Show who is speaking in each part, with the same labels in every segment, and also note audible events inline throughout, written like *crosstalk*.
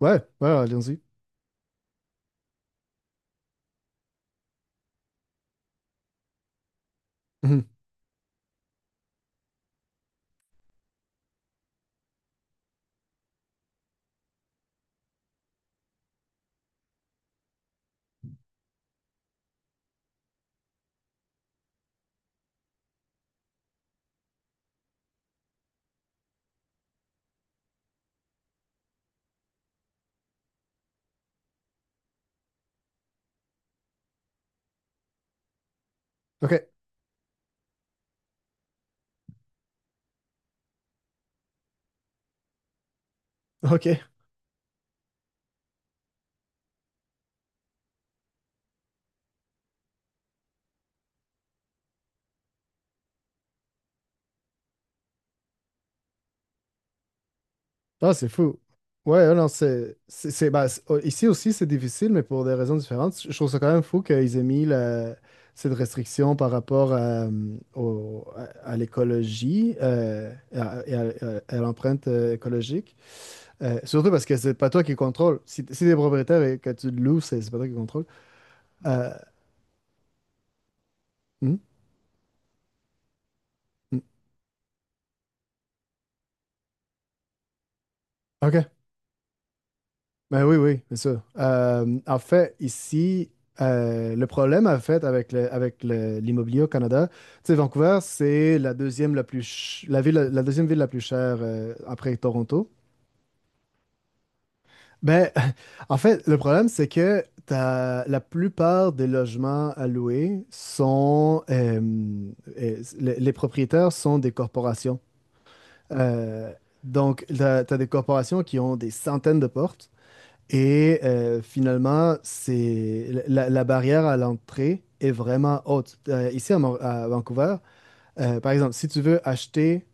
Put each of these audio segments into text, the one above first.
Speaker 1: Ouais, ouais, ouais, allons-y. Mhm. OK. Ok. Ah, c'est fou. Ouais, ouais, non, oh, ici aussi, c'est difficile, mais pour des raisons différentes. Je trouve ça quand même fou qu'ils aient mis cette restriction par rapport à, à l'écologie et à l'empreinte écologique. Surtout parce que c'est pas toi qui contrôle. Si t'es propriétaire et que tu le loues, c'est pas toi qui contrôle. Euh, hmm, hmm. OK. Ben oui, oui, c'est ça. En fait, ici, le problème, en fait, avec l'immobilier au Canada, tu sais, Vancouver, c'est la deuxième ville la plus chère après Toronto. Ben, *laughs* en fait, le problème, c'est que la plupart des logements à louer les propriétaires sont des corporations. Euh, donc, tu as des corporations qui ont des centaines de portes. Et finalement, la barrière à l'entrée est vraiment haute. Ici à Vancouver, par exemple, si tu veux acheter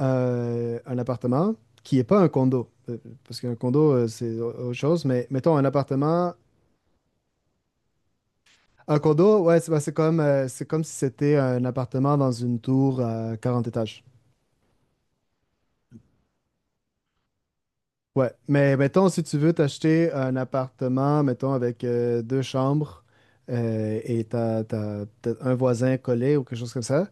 Speaker 1: un appartement qui n'est pas un condo, parce qu'un condo, c'est autre chose, mais mettons un appartement. Un condo, ouais, c'est comme si c'était un appartement dans une tour à 40 étages. Ouais, mais mettons, si tu veux t'acheter un appartement, mettons, avec deux chambres et t'as un voisin collé ou quelque chose comme ça,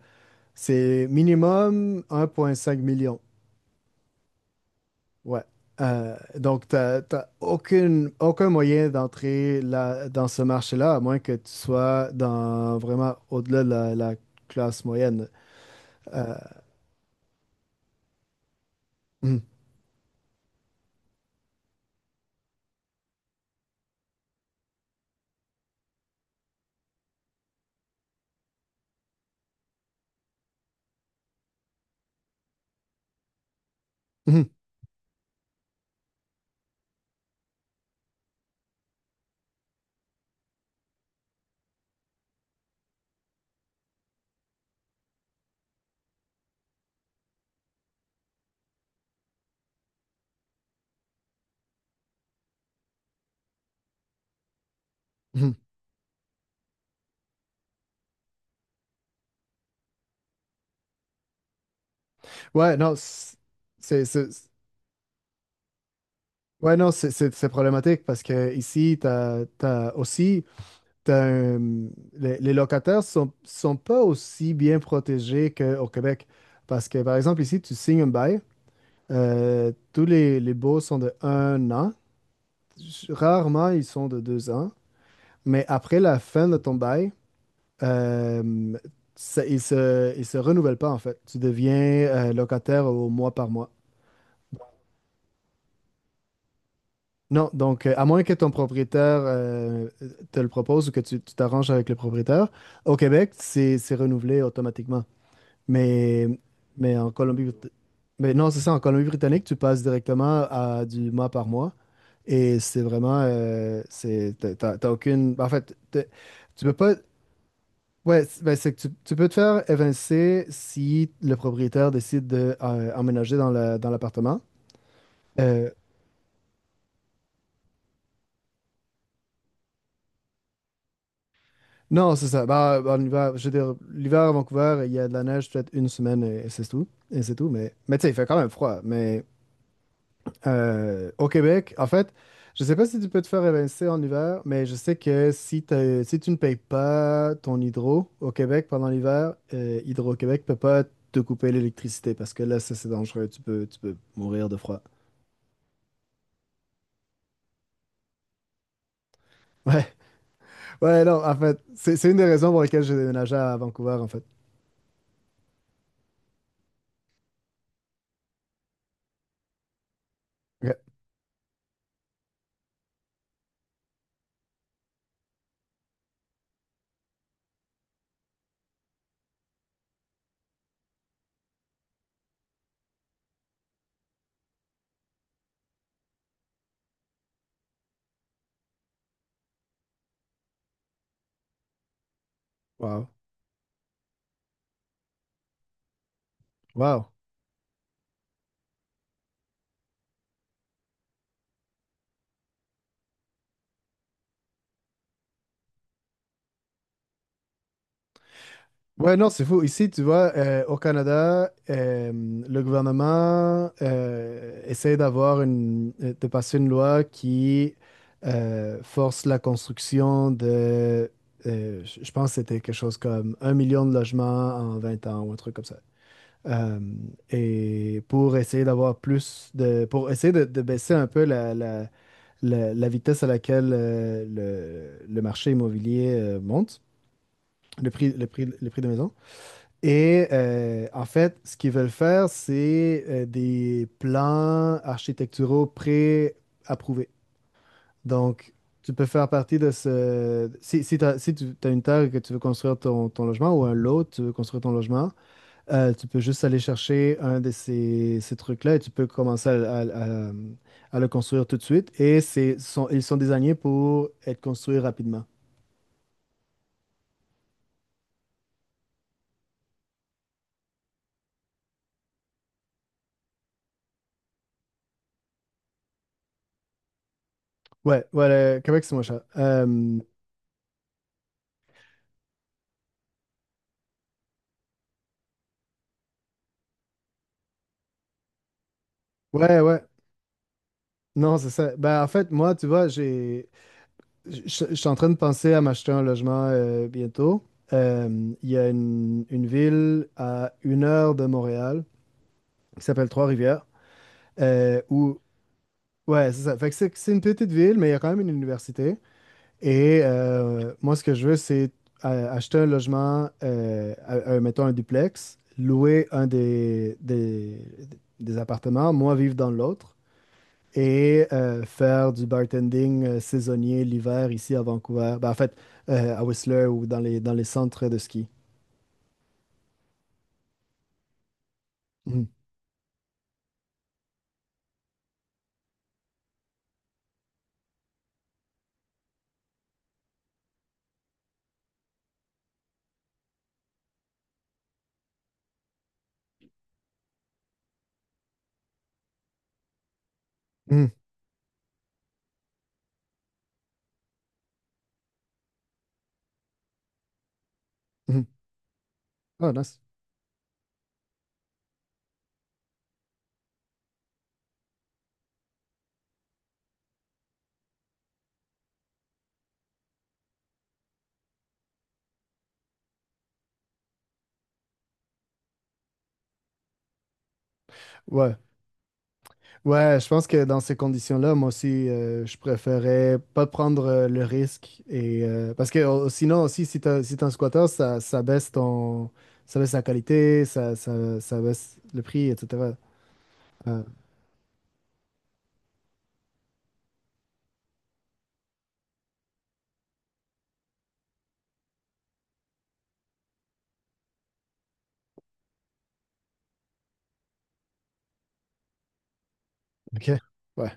Speaker 1: c'est minimum 1,5 million. Ouais. Donc, t'as aucun moyen d'entrer là, dans ce marché-là, à moins que tu sois dans vraiment au-delà de la classe moyenne. Euh, mhm, mhm, mhm. Ouais, non, ouais, non, c'est problématique parce que ici, t'as, t'as aussi, t'as un- les locataires sont pas aussi bien protégés qu'au Québec. Parce que, par exemple, ici, tu signes un bail, tous les baux sont de 1 an. Rarement, ils sont de 2 ans. Mais après la fin de ton bail, euh, ils se renouvellent pas, en fait. Tu deviens locataire au mois par mois. Non, donc à moins que ton propriétaire te le propose ou que tu t'arranges avec le propriétaire, au Québec, c'est renouvelé automatiquement. Mais, mais mais non, c'est ça, en Colombie-Britannique, tu passes directement à du mois par mois et c'est vraiment, c'est, t'as, t'as- t'as aucune, en fait, t'es- tu peux pas, ouais, c'est que tu peux te faire évincer si le propriétaire décide de emménager dans dans l'appartement. Euh, Non, c'est ça. Bah, en hiver, je veux dire, l'hiver à Vancouver, il y a de la neige peut-être une semaine et c'est tout. Et c'est tout. Mais tu sais, il fait quand même froid. Mais au Québec, en fait, je sais pas si tu peux te faire évincer en hiver, mais je sais que si tu ne payes pas ton hydro au Québec pendant l'hiver, Hydro-Québec peut pas te couper l'électricité parce que là, ça c'est dangereux. Tu peux mourir de froid. *laughs* Ouais, ouais, non, en fait, c'est une des raisons pour lesquelles j'ai déménagé à Vancouver, en fait. Ok. Wow. Wow. Ouais, non, c'est fou. Ici, tu vois, au Canada, le gouvernement essaie de passer une loi qui force la construction de, je pense que c'était quelque chose comme 1 million de logements en 20 ans ou un truc comme ça. Euh, et pour essayer pour essayer de baisser un peu la vitesse à laquelle le marché immobilier monte, le prix des maisons. Et en fait, ce qu'ils veulent faire, c'est des plans architecturaux pré-approuvés. Donc, tu peux faire partie de ce. Si tu as une terre et que tu veux construire ton logement ou un lot, tu veux construire ton logement, tu peux juste aller chercher un de ces trucs-là et tu peux commencer à le construire tout de suite. Et ils sont désignés pour être construits rapidement. Ouais, ouais, le Québec, c'est moins cher. Ouais, ouais. Non, c'est ça. Ben, en fait, moi, tu vois, je suis en train de penser à m'acheter un logement bientôt. Il y a une ville à 1 heure de Montréal qui s'appelle Trois-Rivières, où, ouais, c'est ça. Fait que c'est une petite ville, mais il y a quand même une université. Et moi, ce que je veux, c'est acheter un logement, mettons un duplex, louer un des appartements, moi vivre dans l'autre. Et faire du bartending saisonnier l'hiver ici à Vancouver. Ben, en fait, à Whistler ou dans les centres de ski. Mhm. Mhm. Mhm. Ah, nice. Ouais. Ouais, je pense que dans ces conditions-là, moi aussi, je préférais pas prendre le risque. Et, parce que sinon aussi, si t'es un squatter, ça baisse la qualité, ça baisse le prix, etc. Ah, ok. Ouais.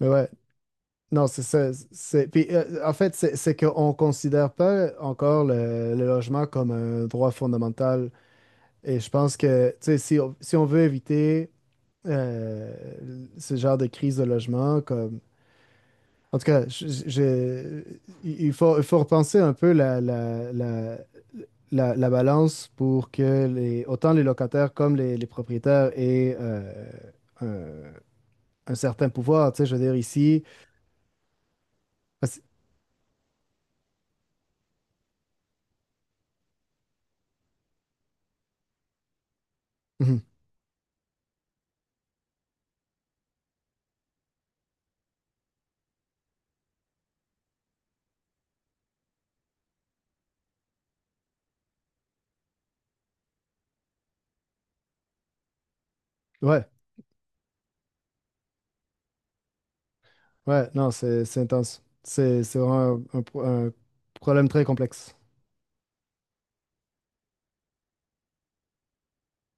Speaker 1: Mais ouais, non, c'est ça. Puis, en fait, c'est qu'on ne considère pas encore le logement comme un droit fondamental. Et je pense que, tu sais, si on veut éviter euh, ce genre de crise de logement, comme. En tout cas, il faut, repenser un peu la balance pour que autant les locataires comme les propriétaires aient un, un certain pouvoir. Tu sais, je veux dire, ici. parce- Mhm. *laughs* Ouais. Ouais, non, c'est intense. C'est vraiment un problème très complexe.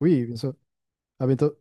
Speaker 1: Oui, bien sûr. À bientôt.